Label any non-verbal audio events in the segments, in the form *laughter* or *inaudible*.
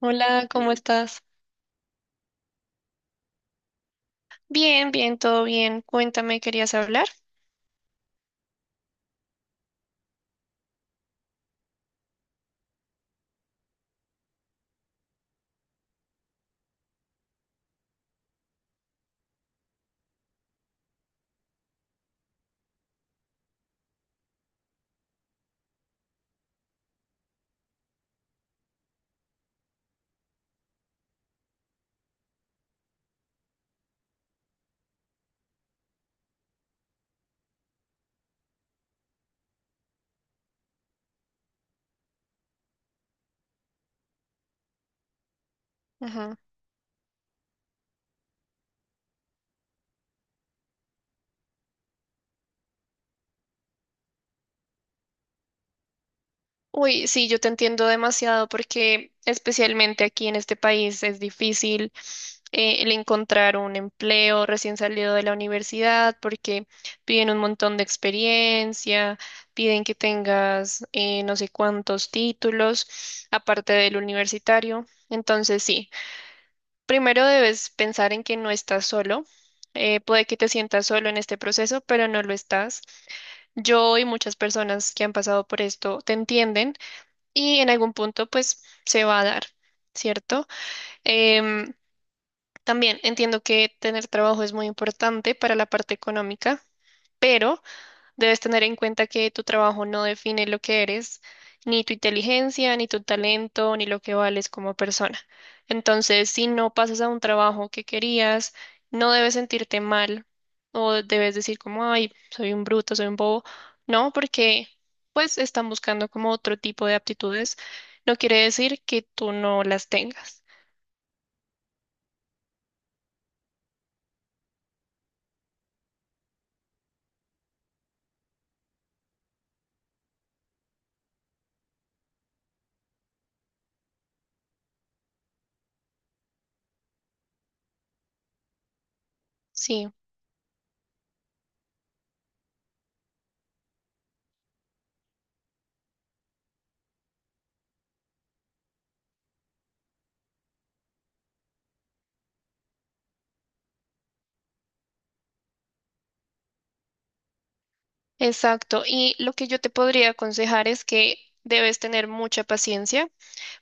Hola, ¿cómo estás? Bien, bien, todo bien. Cuéntame, ¿querías hablar? Ajá. Uy, sí, yo te entiendo demasiado porque especialmente aquí en este país es difícil, el encontrar un empleo recién salido de la universidad porque piden un montón de experiencia, piden que tengas no sé cuántos títulos aparte del universitario. Entonces, sí. Primero debes pensar en que no estás solo. Puede que te sientas solo en este proceso, pero no lo estás. Yo y muchas personas que han pasado por esto te entienden y en algún punto pues se va a dar, ¿cierto? Em, También entiendo que tener trabajo es muy importante para la parte económica, pero debes tener en cuenta que tu trabajo no define lo que eres, ni tu inteligencia, ni tu talento, ni lo que vales como persona. Entonces, si no pasas a un trabajo que querías, no debes sentirte mal o debes decir como, ay, soy un bruto, soy un bobo. No, porque pues están buscando como otro tipo de aptitudes. No quiere decir que tú no las tengas. Sí, exacto. Y lo que yo te podría aconsejar es que debes tener mucha paciencia,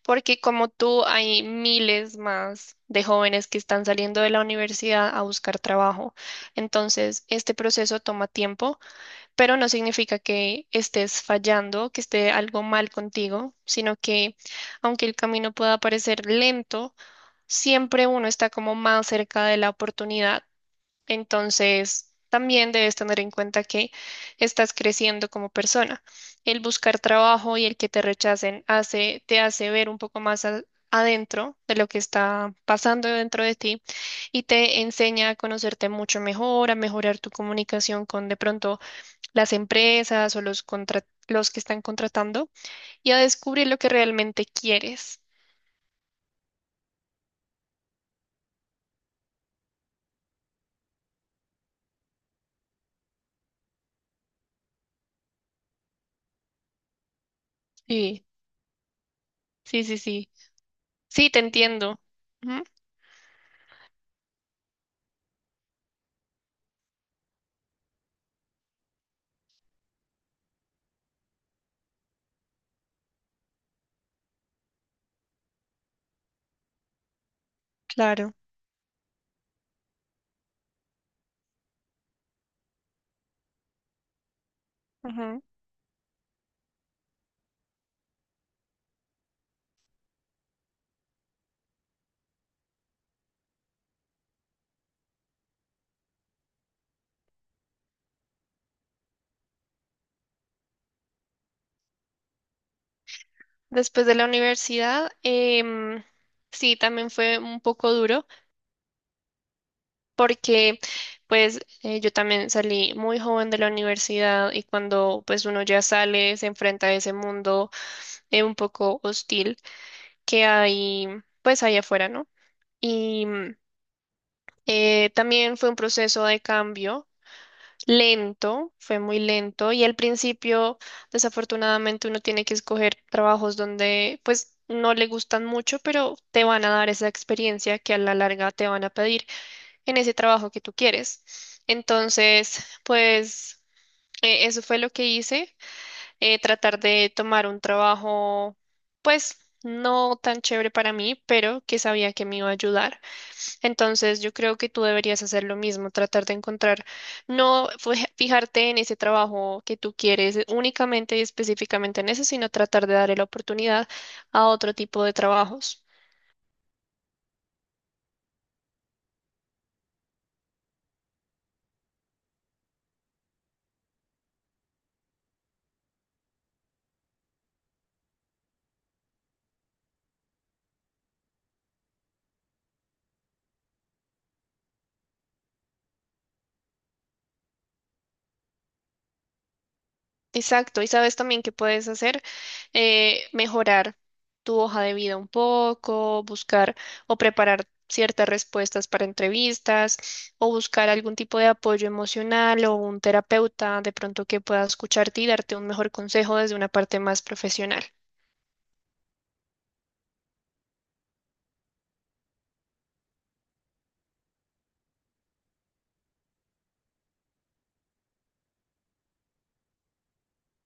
porque como tú, hay miles más de jóvenes que están saliendo de la universidad a buscar trabajo. Entonces, este proceso toma tiempo, pero no significa que estés fallando, que esté algo mal contigo, sino que aunque el camino pueda parecer lento, siempre uno está como más cerca de la oportunidad. Entonces, también debes tener en cuenta que estás creciendo como persona. El buscar trabajo y el que te rechacen hace, te hace ver un poco más a- adentro de lo que está pasando dentro de ti y te enseña a conocerte mucho mejor, a mejorar tu comunicación con de pronto las empresas o los los que están contratando y a descubrir lo que realmente quieres. Sí, sí, sí, sí. Sí, te entiendo. Ujú. Claro. Después de la universidad, sí, también fue un poco duro porque pues yo también salí muy joven de la universidad y cuando pues uno ya sale se enfrenta a ese mundo, un poco hostil, que hay pues allá afuera, ¿no? Y también fue un proceso de cambio lento, fue muy lento y al principio desafortunadamente uno tiene que escoger trabajos donde pues no le gustan mucho, pero te van a dar esa experiencia que a la larga te van a pedir en ese trabajo que tú quieres. Entonces, pues eso fue lo que hice, tratar de tomar un trabajo pues no tan chévere para mí, pero que sabía que me iba a ayudar. Entonces, yo creo que tú deberías hacer lo mismo, tratar de encontrar, no fue- *laughs* fijarte en ese trabajo que tú quieres únicamente y específicamente en eso, sino tratar de darle la oportunidad a otro tipo de trabajos. Exacto, y sabes también que puedes hacer, mejorar tu hoja de vida un poco, buscar o preparar ciertas respuestas para entrevistas o buscar algún tipo de apoyo emocional o un terapeuta de pronto que pueda escucharte y darte un mejor consejo desde una parte más profesional.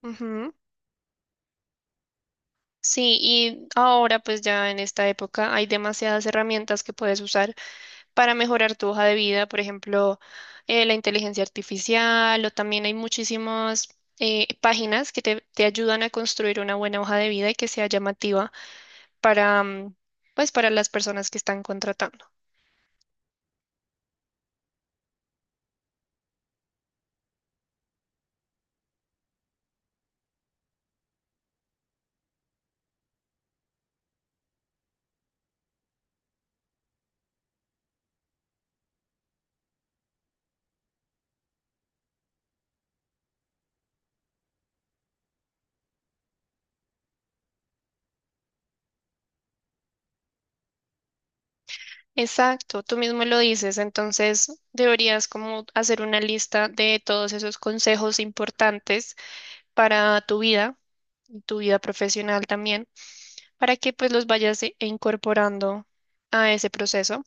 Ujú. Sí, y ahora pues ya en esta época hay demasiadas herramientas que puedes usar para mejorar tu hoja de vida, por ejemplo, la inteligencia artificial o también hay muchísimas páginas que te ayudan a construir una buena hoja de vida y que sea llamativa para, mm, pues, para las personas que están contratando. Exacto, tú mismo lo dices, entonces deberías como hacer una lista de todos esos consejos importantes para tu vida, y tu vida profesional también, para que pues los vayas incorporando a ese proceso.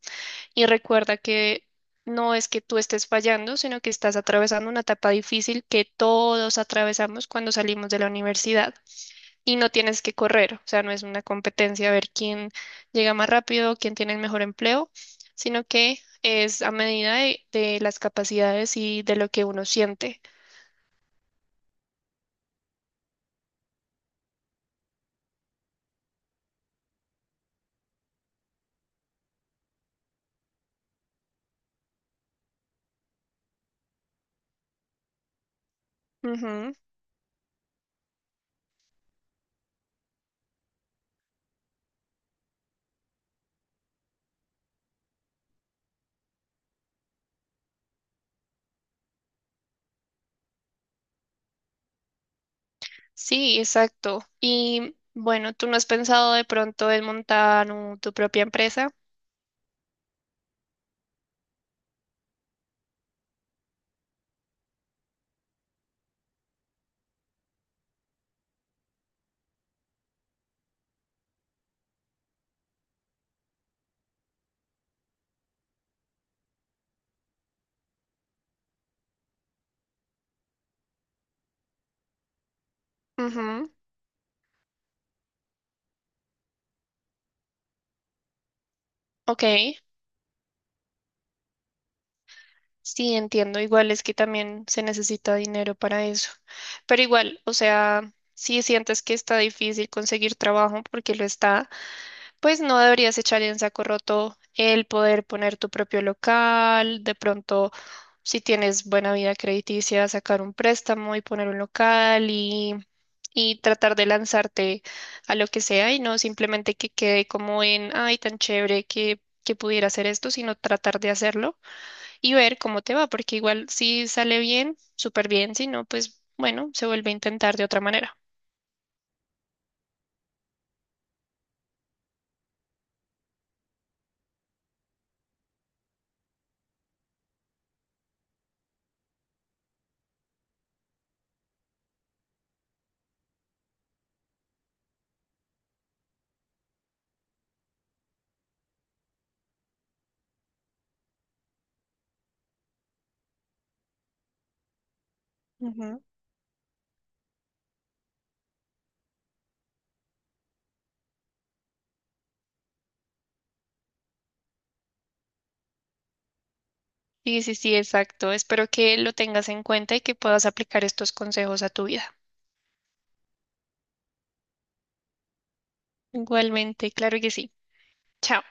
Y recuerda que no es que tú estés fallando, sino que estás atravesando una etapa difícil que todos atravesamos cuando salimos de la universidad. Y no tienes que correr, o sea, no es una competencia a ver quién llega más rápido, quién tiene el mejor empleo, sino que es a medida de las capacidades y de lo que uno siente. Ujú. Sí, exacto. Y bueno, ¿tú no has pensado de pronto en montar tu propia empresa? Ujú. Ok. Sí, entiendo. Igual es que también se necesita dinero para eso. Pero igual, o sea, si sientes que está difícil conseguir trabajo porque lo está, pues no deberías echar en saco roto el poder poner tu propio local, de pronto, si tienes buena vida crediticia, sacar un préstamo y poner un local y tratar de lanzarte a lo que sea y no simplemente que quede como en, ay, tan chévere que pudiera hacer esto, sino tratar de hacerlo y ver cómo te va, porque igual si sale bien, súper bien, si no, pues bueno, se vuelve a intentar de otra manera. Sí, sí, sí, exacto. Espero que lo tengas en cuenta y que puedas aplicar estos consejos a tu vida. Igualmente, claro que sí. Chao.